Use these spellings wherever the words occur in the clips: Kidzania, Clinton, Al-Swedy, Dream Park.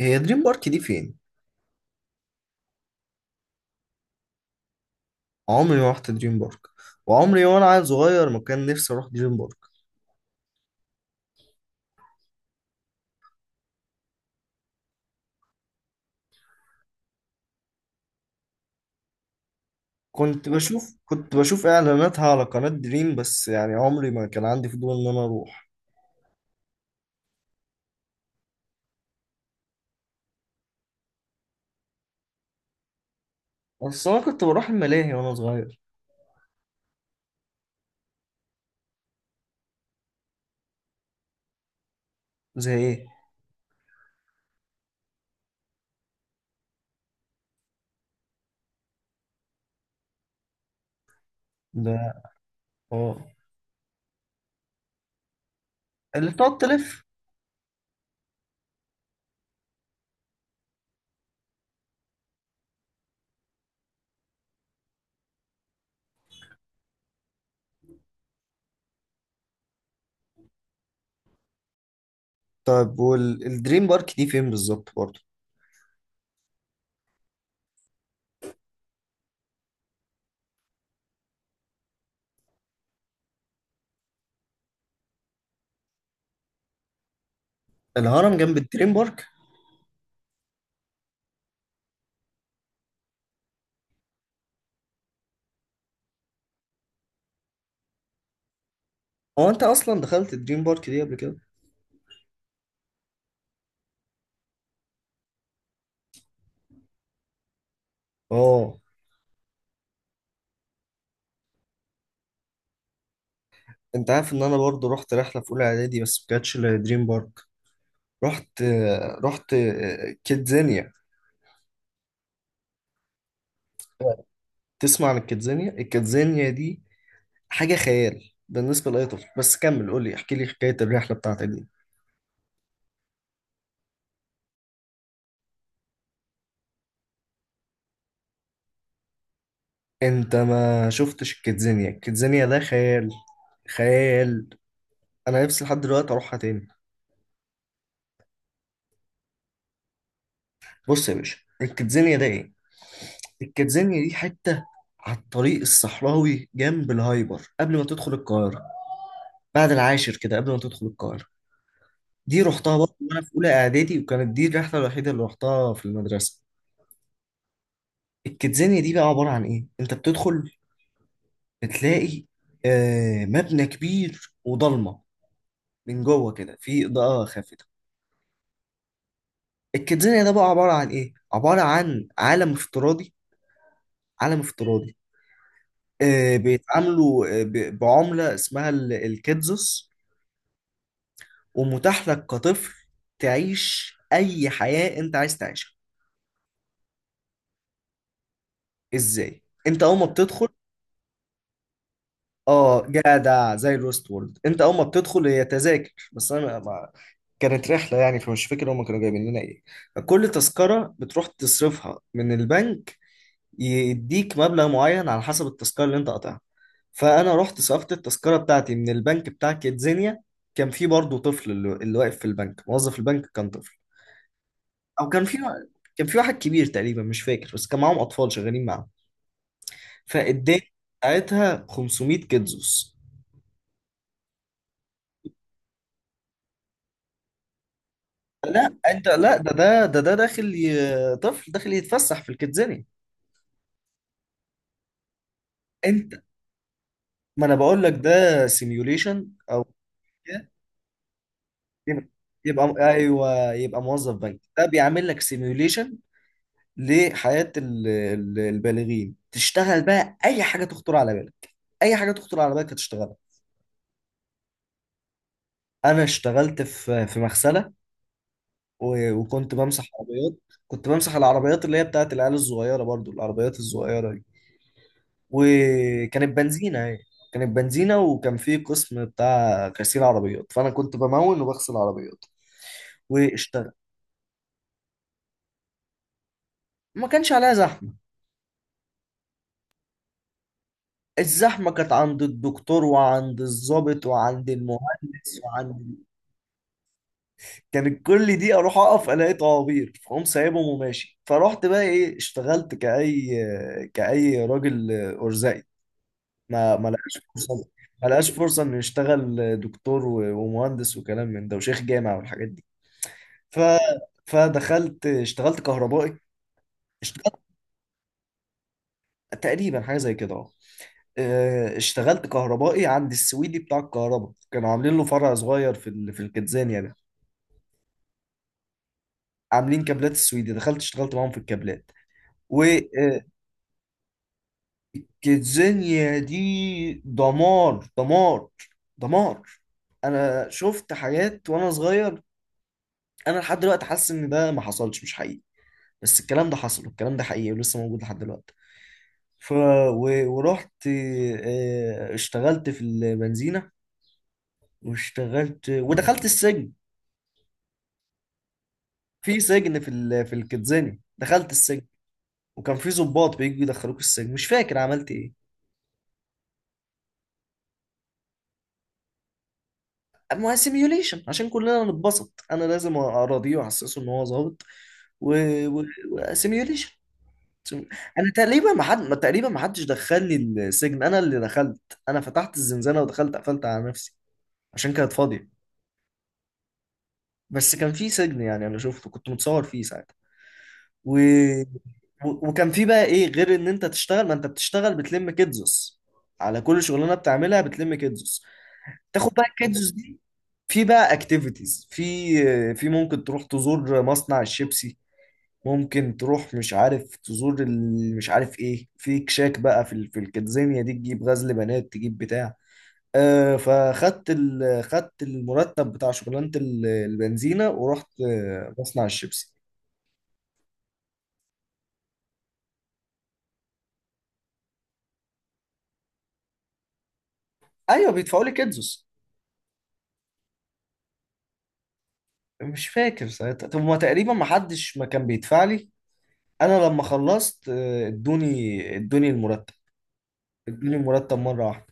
هي دريم بارك دي فين؟ عمري ما رحت دريم بارك، وعمري وانا عيل صغير ما كان نفسي اروح دريم بارك. كنت بشوف اعلاناتها على قناة دريم، بس يعني عمري ما كان عندي فضول ان انا اروح. بس انا كنت بروح الملاهي وانا صغير. زي ايه؟ ده اه. اللي بتقعد تلف. طيب والدريم بارك دي فين بالظبط برضه؟ الهرم جنب الدريم بارك؟ هو انت اصلا دخلت الدريم بارك دي قبل كده؟ اه. انت عارف ان انا برضه رحت رحلة في اولى اعدادي بس ما كانتش لدريم بارك. رحت رحت كيدزانيا. تسمع عن الكيدزانيا؟ الكيدزانيا دي حاجة خيال بالنسبة لأي طفل، بس كمل، قول لي، احكي لي حكاية الرحلة بتاعتك دي. انت ما شفتش الكيدزانيا، الكيدزانيا ده خيال، خيال. انا نفسي لحد دلوقتي اروحها تاني. بص يا باشا الكيدزانيا ده ايه. الكيدزانيا دي حتة على الطريق الصحراوي جنب الهايبر قبل ما تدخل القاهرة. بعد العاشر كده قبل ما تدخل القاهرة. دي رحتها برضه وانا في اولى اعدادي، وكانت دي الرحله الوحيده اللي رحتها في المدرسه. الكيدزانيا دي بقى عبارة عن إيه؟ أنت بتدخل، بتلاقي مبنى كبير وضلمة، من جوه كده في إضاءة خافتة. الكيدزانيا ده بقى عبارة عن إيه؟ عبارة عن عالم افتراضي، عالم افتراضي. بيتعاملوا بعملة اسمها الكيدزوس، ومتاح لك كطفل تعيش أي حياة أنت عايز تعيشها. إزاي؟ أنت أول ما بتدخل. اه جدع زي الويست وورلد. انت اول ما بتدخل هي تذاكر، بس انا ما كانت رحله يعني فمش فاكر هم كانوا جايبين لنا ايه. كل تذكره بتروح تصرفها من البنك، يديك مبلغ معين على حسب التذكره اللي انت قاطعها. فانا رحت صرفت التذكره بتاعتي من البنك بتاع كيدزينيا. كان في برضه طفل، اللي واقف في البنك، موظف البنك كان طفل. او كان في كان في واحد كبير تقريبا، مش فاكر، بس كان معاهم اطفال شغالين معاهم. فاداني ساعتها 500 كيدزوس. لا انت لا، ده داخل، طفل داخل يتفسح في الكيدزاني. انت، ما انا بقول لك ده سيميوليشن. كده، يبقى يبقى ايوه، يبقى موظف بنك، ده بيعمل لك سيميوليشن لحياة البالغين. تشتغل بقى اي حاجة تخطر على بالك، اي حاجة تخطر على بالك هتشتغلها. انا اشتغلت في مغسلة، وكنت بمسح عربيات. كنت بمسح العربيات اللي هي بتاعت العيال الصغيرة برضو، العربيات الصغيرة. وكانت بنزينة هي، كانت بنزينة، وكان في قسم بتاع غسيل عربيات، فأنا كنت بمون وبغسل عربيات واشتغل. ما كانش عليها زحمة. الزحمة كانت عند الدكتور وعند الضابط وعند المهندس، وعند كانت كل دي أروح أقف ألاقي طوابير فأقوم سايبهم وماشي. فرحت بقى إيه، اشتغلت كأي، كأي راجل أرزقي ما لقاش فرصة، ما لقاش فرصة انه يشتغل دكتور ومهندس وكلام من ده وشيخ جامع والحاجات دي. ف فدخلت اشتغلت كهربائي، اشتغلت تقريبا حاجة زي كده اه. اه، اشتغلت كهربائي عند السويدي بتاع الكهرباء، كانوا عاملين له فرع صغير في الكتزانيا ده. عاملين كابلات السويدي، دخلت اشتغلت معاهم في الكابلات. وكتزانيا دي دمار، دمار، دمار. انا شفت حاجات وانا صغير، انا لحد دلوقتي حاسس ان ده ما حصلش، مش حقيقي، بس الكلام ده حصل والكلام ده حقيقي ولسه موجود لحد دلوقتي. ف ورحت، اشتغلت في البنزينة، واشتغلت ودخلت السجن. في سجن، في الكتزاني دخلت السجن. وكان في ضباط بييجوا يدخلوك السجن، مش فاكر عملت ايه. اما سيميوليشن، عشان كلنا نتبسط انا لازم اراضيه واحسسه ان هو ظابط. و... و... سيميوليشن. سو- انا تقريبا ما حد ما تقريبا ما حدش دخلني السجن، انا اللي دخلت. انا فتحت الزنزانه ودخلت قفلت على نفسي عشان كانت فاضيه. بس كان في سجن يعني، انا شفته كنت متصور فيه ساعتها. و... وكان في بقى ايه غير ان انت تشتغل، ما انت بتشتغل بتلم كيدزوس، على كل شغلانه بتعملها بتلم كيدزوس. تاخد بقى الكيدزوس دي، في بقى اكتيفيتيز، في ممكن تروح تزور مصنع الشيبسي، ممكن تروح مش عارف تزور مش عارف ايه، في كشاك بقى في الكنزينيا دي، تجيب غزل بنات، تجيب بتاع. آه فخدت، خدت المرتب بتاع شغلانة البنزينة، ورحت مصنع الشيبسي. ايوه بيدفعوا لي كدزوس. مش فاكر ساعتها، طب ما تقريبا ما حدش ما كان بيدفع لي. انا لما خلصت ادوني المرتب، ادوني المرتب مرة واحدة.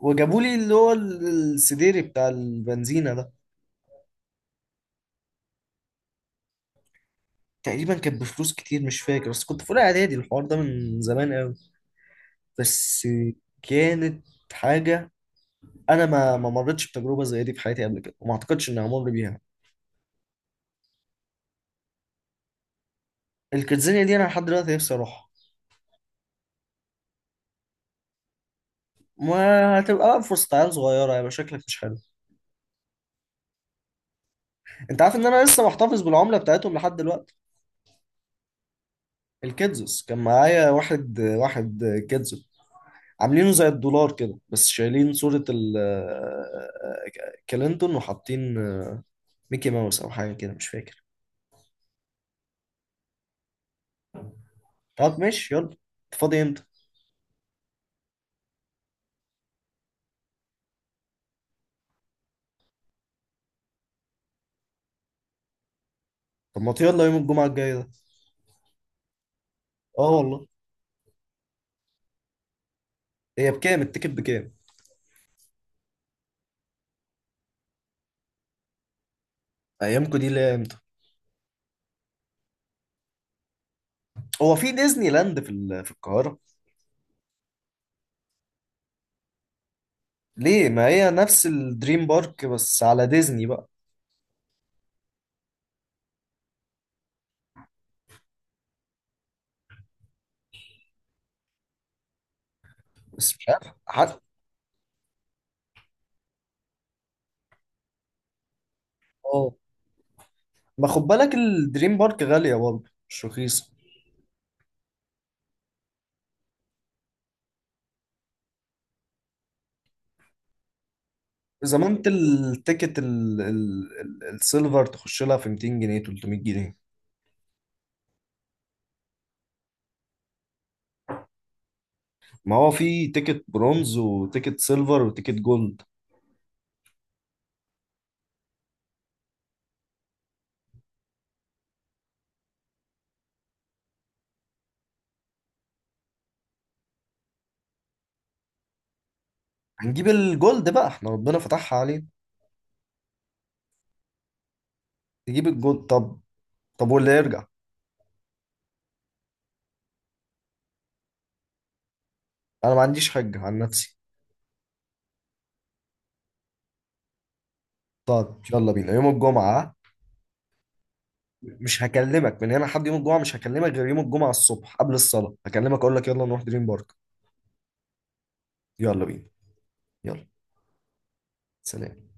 وجابوا لي اللي هو السديري بتاع البنزينة ده. تقريبا كانت بفلوس كتير مش فاكر، بس كنت في اولى اعدادي، الحوار ده من زمان قوي. بس كانت حاجه انا ما مرتش بتجربه زي دي في حياتي قبل كده، وما اعتقدش اني همر بيها. الكيدزانيا دي انا لحد دلوقتي نفسي اروحها. وهتبقى بقى فرصة عيال صغيرة، هيبقى شكلك مش حلو. انت عارف ان انا لسه محتفظ بالعملة بتاعتهم لحد دلوقتي. الكيدزوس كان معايا واحد واحد. كيدزو. عاملينه زي الدولار كده، بس شايلين صورة ال كلينتون، وحاطين ميكي ماوس او حاجة كده مش فاكر. طب ماشي يلا، انت فاضي امتى؟ طب ما يلا يوم الجمعه الجايه ده. اه والله. هي بكام التيكت؟ بكام؟ ايامكم دي ليه؟ امتى؟ هو في ديزني لاند في القاهره؟ ليه؟ ما هي نفس الدريم بارك بس على ديزني بقى. بس مش عارف حتى. اه. ما خد بالك الدريم بارك غاليه برضه، مش رخيصه. زمان انت التيكت السيلفر تخش لها في 200 جنيه، 300 جنيه. ما هو في تيكت برونز وتيكت سيلفر وتيكت جولد. هنجيب الجولد بقى، احنا ربنا فتحها علينا. نجيب الجولد. طب. طب واللي يرجع. انا ما عنديش حجة عن نفسي. طب يلا بينا يوم الجمعة. مش هكلمك من هنا لحد يوم الجمعة، مش هكلمك غير يوم الجمعة الصبح قبل الصلاة، هكلمك اقول لك يلا نروح دريم بارك. يلا بينا. يلا. سلام.